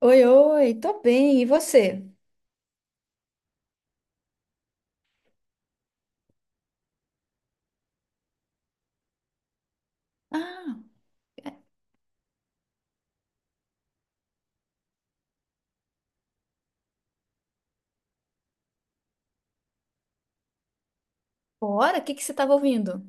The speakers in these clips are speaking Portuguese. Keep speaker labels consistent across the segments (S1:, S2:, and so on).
S1: Oi, oi, tô bem, e você? Ah, bora? O que que você estava ouvindo?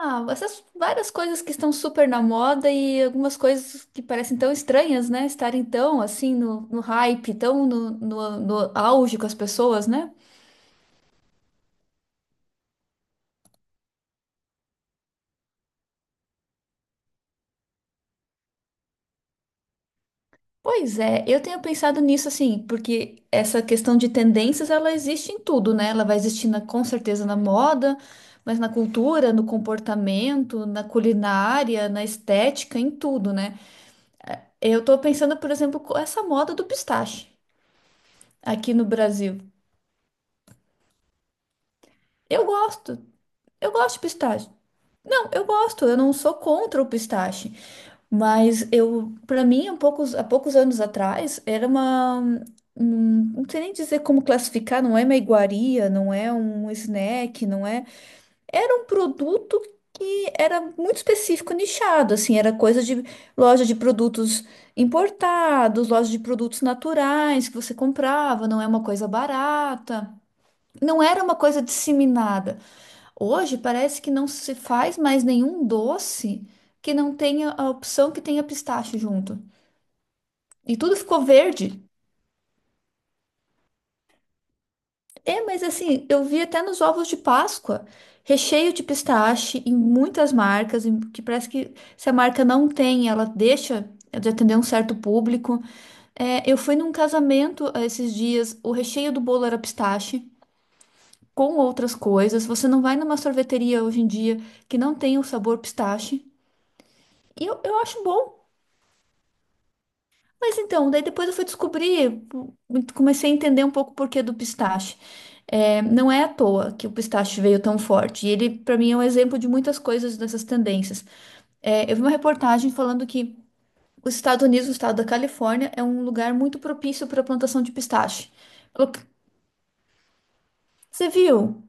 S1: Ah, essas várias coisas que estão super na moda e algumas coisas que parecem tão estranhas, né? Estarem tão assim no hype, tão no auge com as pessoas, né? Pois é, eu tenho pensado nisso assim, porque essa questão de tendências ela existe em tudo, né? Ela vai existir com certeza na moda, mas na cultura, no comportamento, na culinária, na estética, em tudo, né? Eu tô pensando, por exemplo, com essa moda do pistache aqui no Brasil. Eu gosto, eu gosto de pistache. Não, eu gosto, eu não sou contra o pistache. Mas eu, para mim, há poucos anos atrás, era não sei nem dizer como classificar, não é uma iguaria, não é um snack, não é. Era um produto que era muito específico, nichado, assim, era coisa de loja de produtos importados, loja de produtos naturais que você comprava, não é uma coisa barata. Não era uma coisa disseminada. Hoje parece que não se faz mais nenhum doce que não tenha a opção que tenha pistache junto. E tudo ficou verde. É, mas assim, eu vi até nos ovos de Páscoa, recheio de pistache em muitas marcas, que parece que se a marca não tem, ela deixa de atender um certo público. É, eu fui num casamento esses dias, o recheio do bolo era pistache, com outras coisas. Você não vai numa sorveteria hoje em dia que não tem o sabor pistache. E eu acho bom. Mas então, daí depois eu fui descobrir, comecei a entender um pouco o porquê do pistache. É, não é à toa que o pistache veio tão forte. E ele, para mim, é um exemplo de muitas coisas dessas tendências. É, eu vi uma reportagem falando que os Estados Unidos, o estado da Califórnia, é um lugar muito propício para a plantação de pistache. Falou, você viu?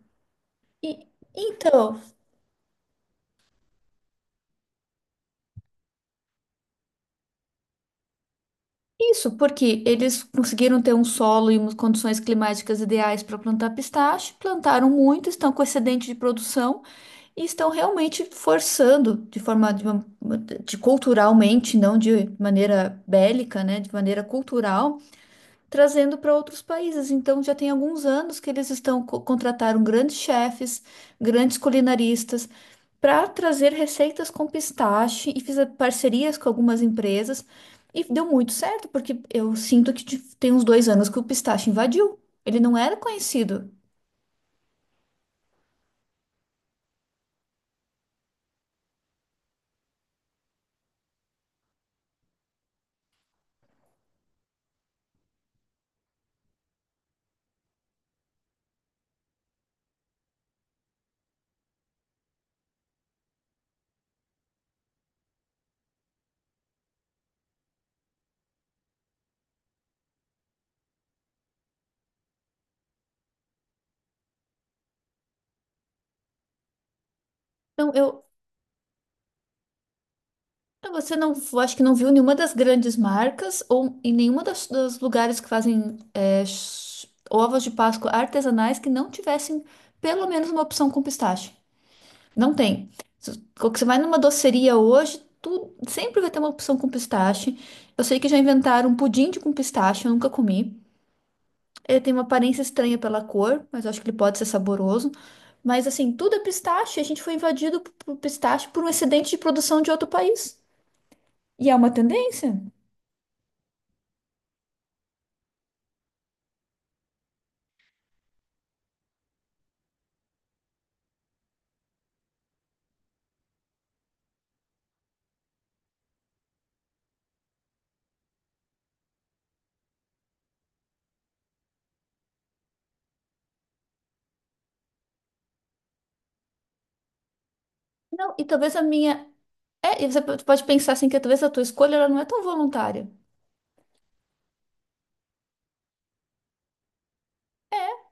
S1: E- então, isso porque eles conseguiram ter um solo e umas condições climáticas ideais para plantar pistache, plantaram muito, estão com excedente de produção. E estão realmente forçando de forma de, uma- de culturalmente, não de maneira bélica, né, de maneira cultural, trazendo para outros países. Então já tem alguns anos que eles estão contrataram grandes chefes, grandes culinaristas para trazer receitas com pistache e fiz parcerias com algumas empresas e deu muito certo, porque eu sinto que tem uns dois anos que o pistache invadiu. Ele não era conhecido. então eu, Você não, acho que não viu nenhuma das grandes marcas ou em nenhuma dos lugares que fazem ovos de Páscoa artesanais que não tivessem pelo menos uma opção com pistache. Não tem. Quando você vai numa doceria hoje, tu sempre vai ter uma opção com pistache. Eu sei que já inventaram um pudim de com pistache, eu nunca comi. Ele tem uma aparência estranha pela cor, mas eu acho que ele pode ser saboroso. Mas assim, tudo é pistache. A gente foi invadido por pistache por um excedente de produção de outro país. E é uma tendência. Não, e talvez a minha. É, e você pode pensar assim que talvez a tua escolha ela não é tão voluntária. É,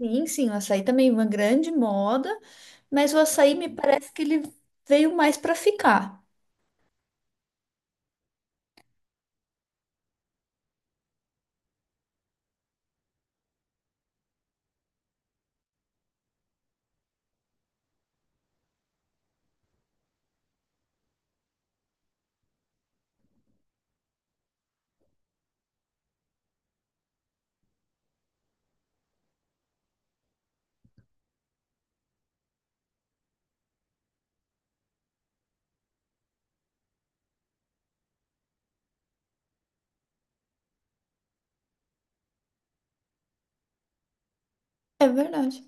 S1: sim, sim, o açaí também é uma grande moda, mas o açaí me parece que ele veio mais para ficar. É verdade.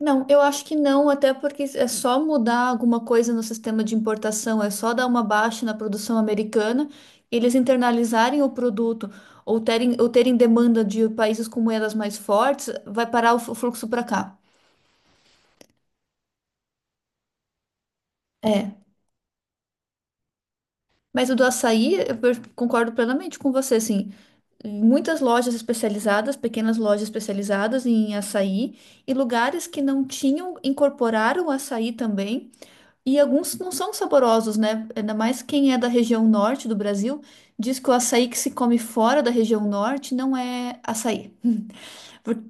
S1: Não, eu acho que não, até porque é só mudar alguma coisa no sistema de importação, é só dar uma baixa na produção americana, eles internalizarem o produto ou terem demanda de países com moedas mais fortes, vai parar o fluxo para cá. É. Mas o do açaí, eu concordo plenamente com você, assim. Muitas lojas especializadas, pequenas lojas especializadas em açaí, e lugares que não tinham, incorporaram açaí também. E alguns não são saborosos, né? Ainda mais quem é da região norte do Brasil, diz que o açaí que se come fora da região norte não é açaí. Por-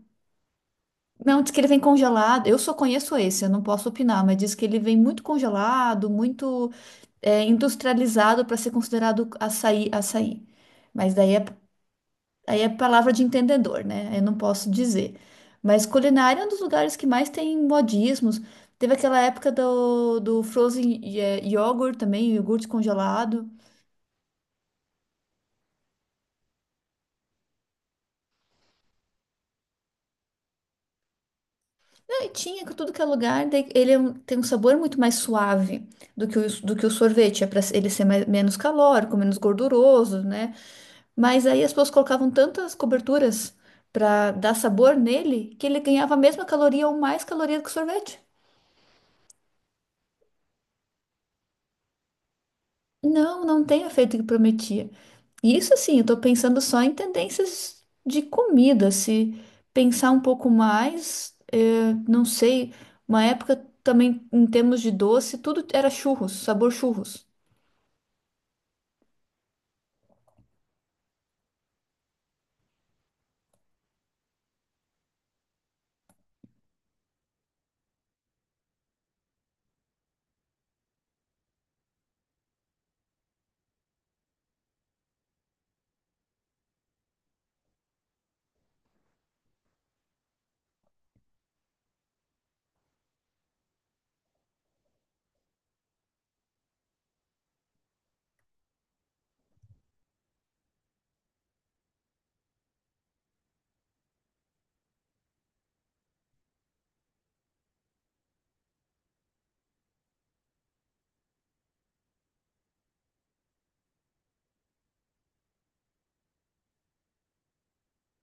S1: Não, diz que ele vem congelado. Eu só conheço esse, eu não posso opinar, mas diz que ele vem muito congelado, muito industrializado para ser considerado açaí, açaí. Mas daí é, aí é palavra de entendedor, né? Eu não posso dizer. Mas culinária é um dos lugares que mais tem modismos. Teve aquela época do frozen yogurt também, iogurte congelado. Não, e tinha que tudo que é lugar, daí tem um sabor muito mais suave do que o sorvete. É para ele ser menos calórico, menos gorduroso, né? Mas aí as pessoas colocavam tantas coberturas para dar sabor nele que ele ganhava a mesma caloria ou mais caloria do que o sorvete. Não, não tem o efeito que prometia. E isso assim, eu tô pensando só em tendências de comida. Se pensar um pouco mais, não sei, uma época também em termos de doce, tudo era churros, sabor churros.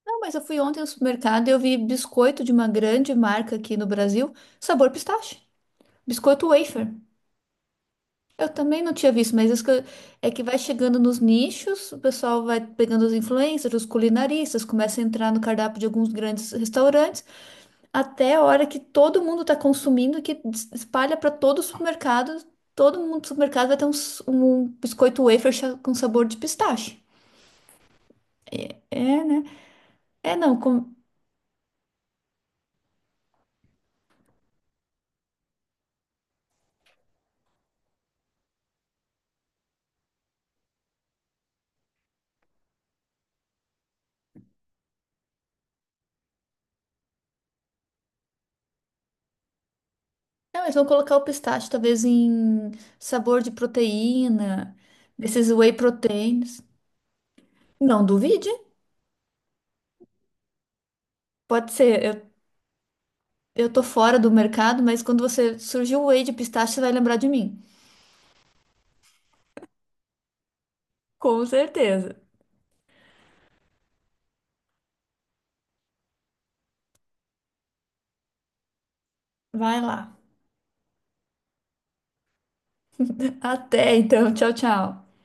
S1: Não, mas eu fui ontem no supermercado e eu vi biscoito de uma grande marca aqui no Brasil, sabor pistache, biscoito wafer. Eu também não tinha visto, mas é que vai chegando nos nichos, o pessoal vai pegando os influencers, os culinaristas, começa a entrar no cardápio de alguns grandes restaurantes, até a hora que todo mundo está consumindo, que espalha para todo o supermercado, todo mundo do supermercado vai ter um biscoito wafer com sabor de pistache. É, né? É, não, com... Não, eles vão colocar o pistache talvez em sabor de proteína, desses whey proteins. Não duvide. Pode ser. Eu tô fora do mercado, mas quando você surgir o whey de pistache, você vai lembrar de mim. Com certeza. Vai lá. Até então. Tchau, tchau.